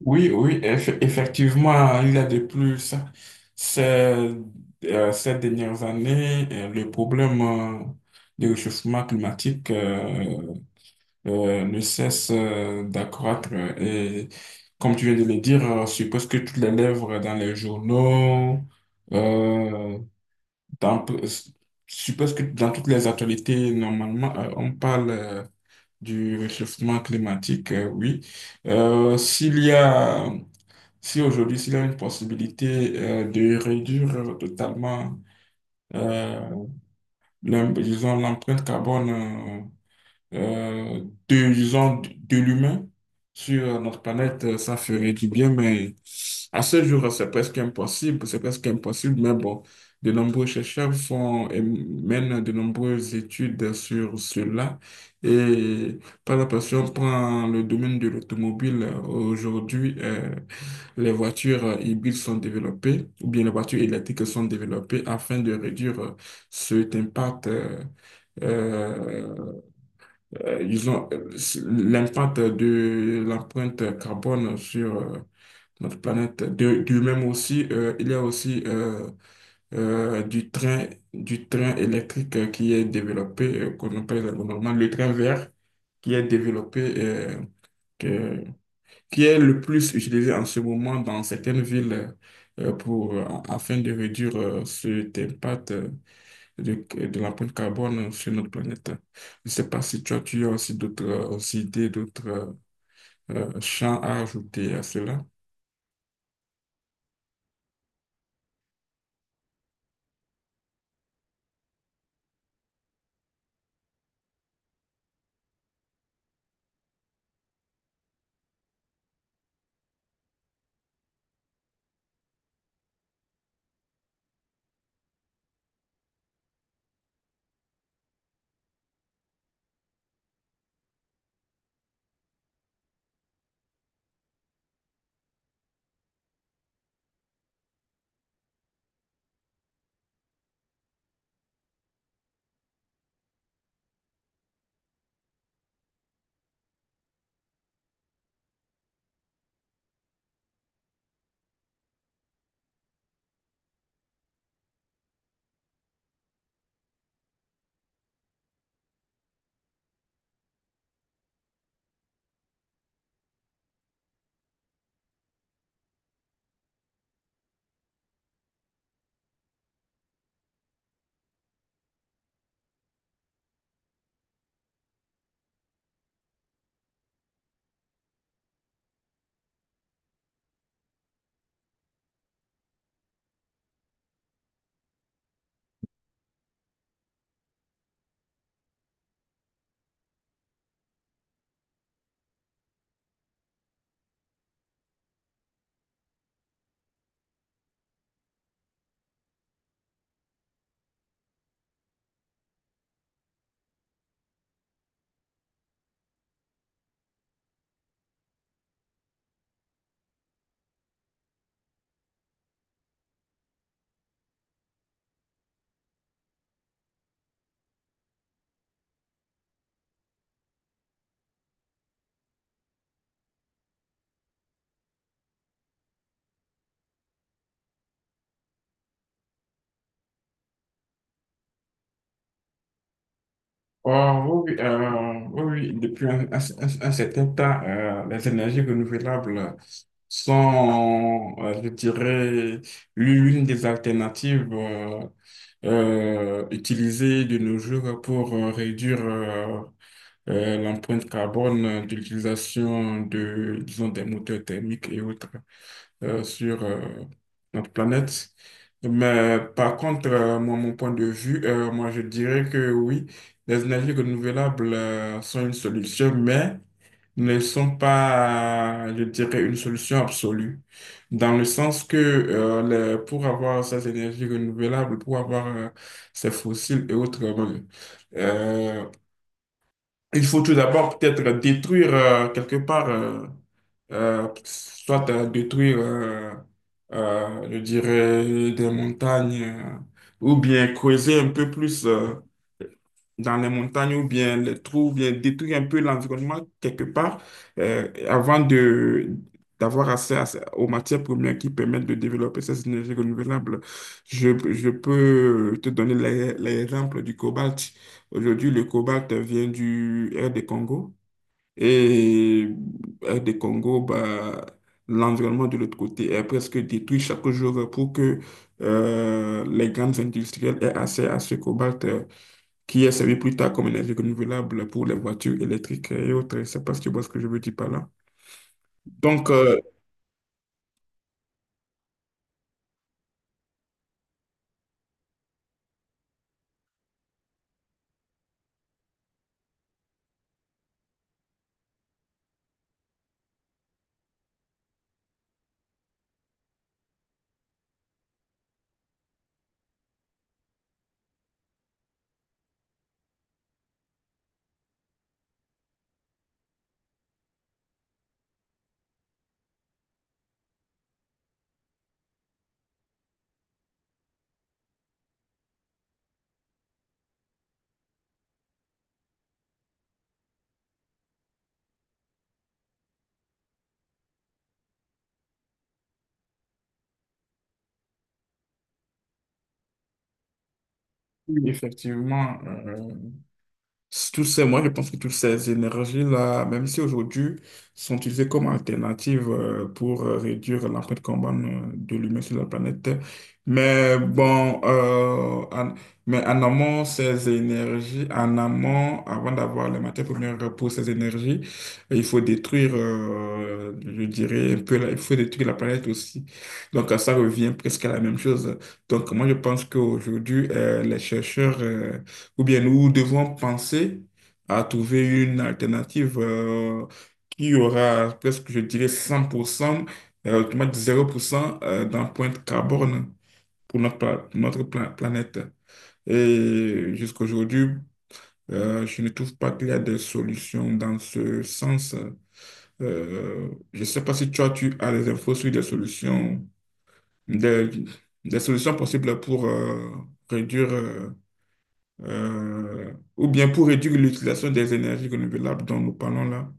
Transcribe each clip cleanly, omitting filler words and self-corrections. Oui, oui, effectivement, il y a de plus. Ces, Ces dernières années, le problème du réchauffement climatique ne cesse d'accroître. Et comme tu viens de le dire, je suppose que toutes les lèvres dans les journaux, euh, je suppose que dans toutes les actualités, normalement, on parle du réchauffement climatique, oui. S'il y a Si aujourd'hui, s'il y a une possibilité de réduire totalement, euh, disons, l'empreinte carbone, euh, de, disons, de l'humain sur notre planète, ça ferait du bien, mais à ce jour, c'est presque impossible, mais bon, de nombreux chercheurs font et mènent de nombreuses études sur cela. Et par la passion, on prend le domaine de l'automobile. Aujourd'hui, les voitures hybrides sont développées, ou bien les voitures électriques sont développées afin de réduire cet impact, euh, ils ont l'impact de l'empreinte carbone sur notre planète. De, du même aussi, il y a aussi euh, du train, du train électrique qui est développé, qu'on appelle normalement le train vert, qui est développé, que- qui est le plus utilisé en ce moment dans certaines villes euh, pour, euh, afin de réduire cet impact, de, de l'empreinte carbone sur notre planète. Je ne sais pas si toi, tu as aussi d'autres, aussi idées, d'autres, champs à ajouter à cela. Oh, oui, oui, oui, oui, depuis un certain temps, les énergies renouvelables sont, je dirais, l'une des alternatives utilisées de nos jours pour réduire l'empreinte carbone de l'utilisation de, disons, des moteurs thermiques et autres, sur notre planète. Mais par contre, moi, mon point de vue, moi, je dirais que oui, les énergies renouvelables sont une solution, mais ne sont pas, je dirais, une solution absolue. Dans le sens que pour avoir ces énergies renouvelables, pour avoir ces fossiles et autres, euh, il faut tout d'abord peut-être détruire quelque part. Soit à détruire, je dirais, des montagnes, ou bien creuser un peu plus dans les montagnes, ou bien les trous, ou bien détruire un peu l'environnement quelque part, avant de d'avoir accès aux matières premières qui permettent de développer ces énergies renouvelables. Je peux te donner l'exemple du cobalt. Aujourd'hui, le cobalt vient du R des Congo. Et RD Congo, bah, l'environnement de l'autre côté est presque détruit chaque jour pour que les grandes industrielles aient accès à ce cobalt, qui est servi plus tard comme énergie renouvelable pour les voitures électriques et autres. Je sais pas si tu vois ce que je veux dire par là. Donc, oui, effectivement, tout ces, moi, je pense que toutes ces énergies-là, même si aujourd'hui, sont utilisées comme alternative pour réduire l'empreinte carbone de l'humain sur la planète. Mais bon, euh, en, mais en amont, ces énergies, en amont, avant d'avoir les matières premières pour ces énergies, il faut détruire, je dirais, un peu, il faut détruire la planète aussi. Donc, ça revient presque à la même chose. Donc, moi, je pense qu'aujourd'hui, les chercheurs, ou bien nous devons penser à trouver une alternative qui aura presque, je dirais, 100%, autrement dit 0% d'empreinte carbone pour notre, pour notre planète. Et jusqu'à aujourd'hui, je ne trouve pas qu'il y a des solutions dans ce sens. Je ne sais pas si toi, tu as des infos sur des, des solutions possibles pour réduire ou bien pour réduire l'utilisation des énergies renouvelables dont nous parlons là.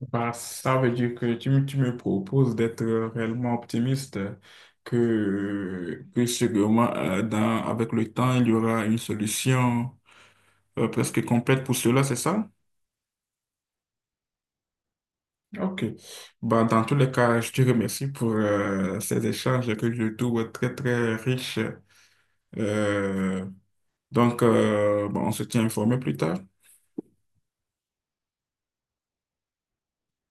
Bah, ça veut dire que tu me proposes d'être réellement optimiste, que sûrement, avec le temps, il y aura une solution presque complète pour cela, c'est ça? Ok. Bah, dans tous les cas, je te remercie pour ces échanges que je trouve très, très riches. Euh, bon, on se tient informé plus tard.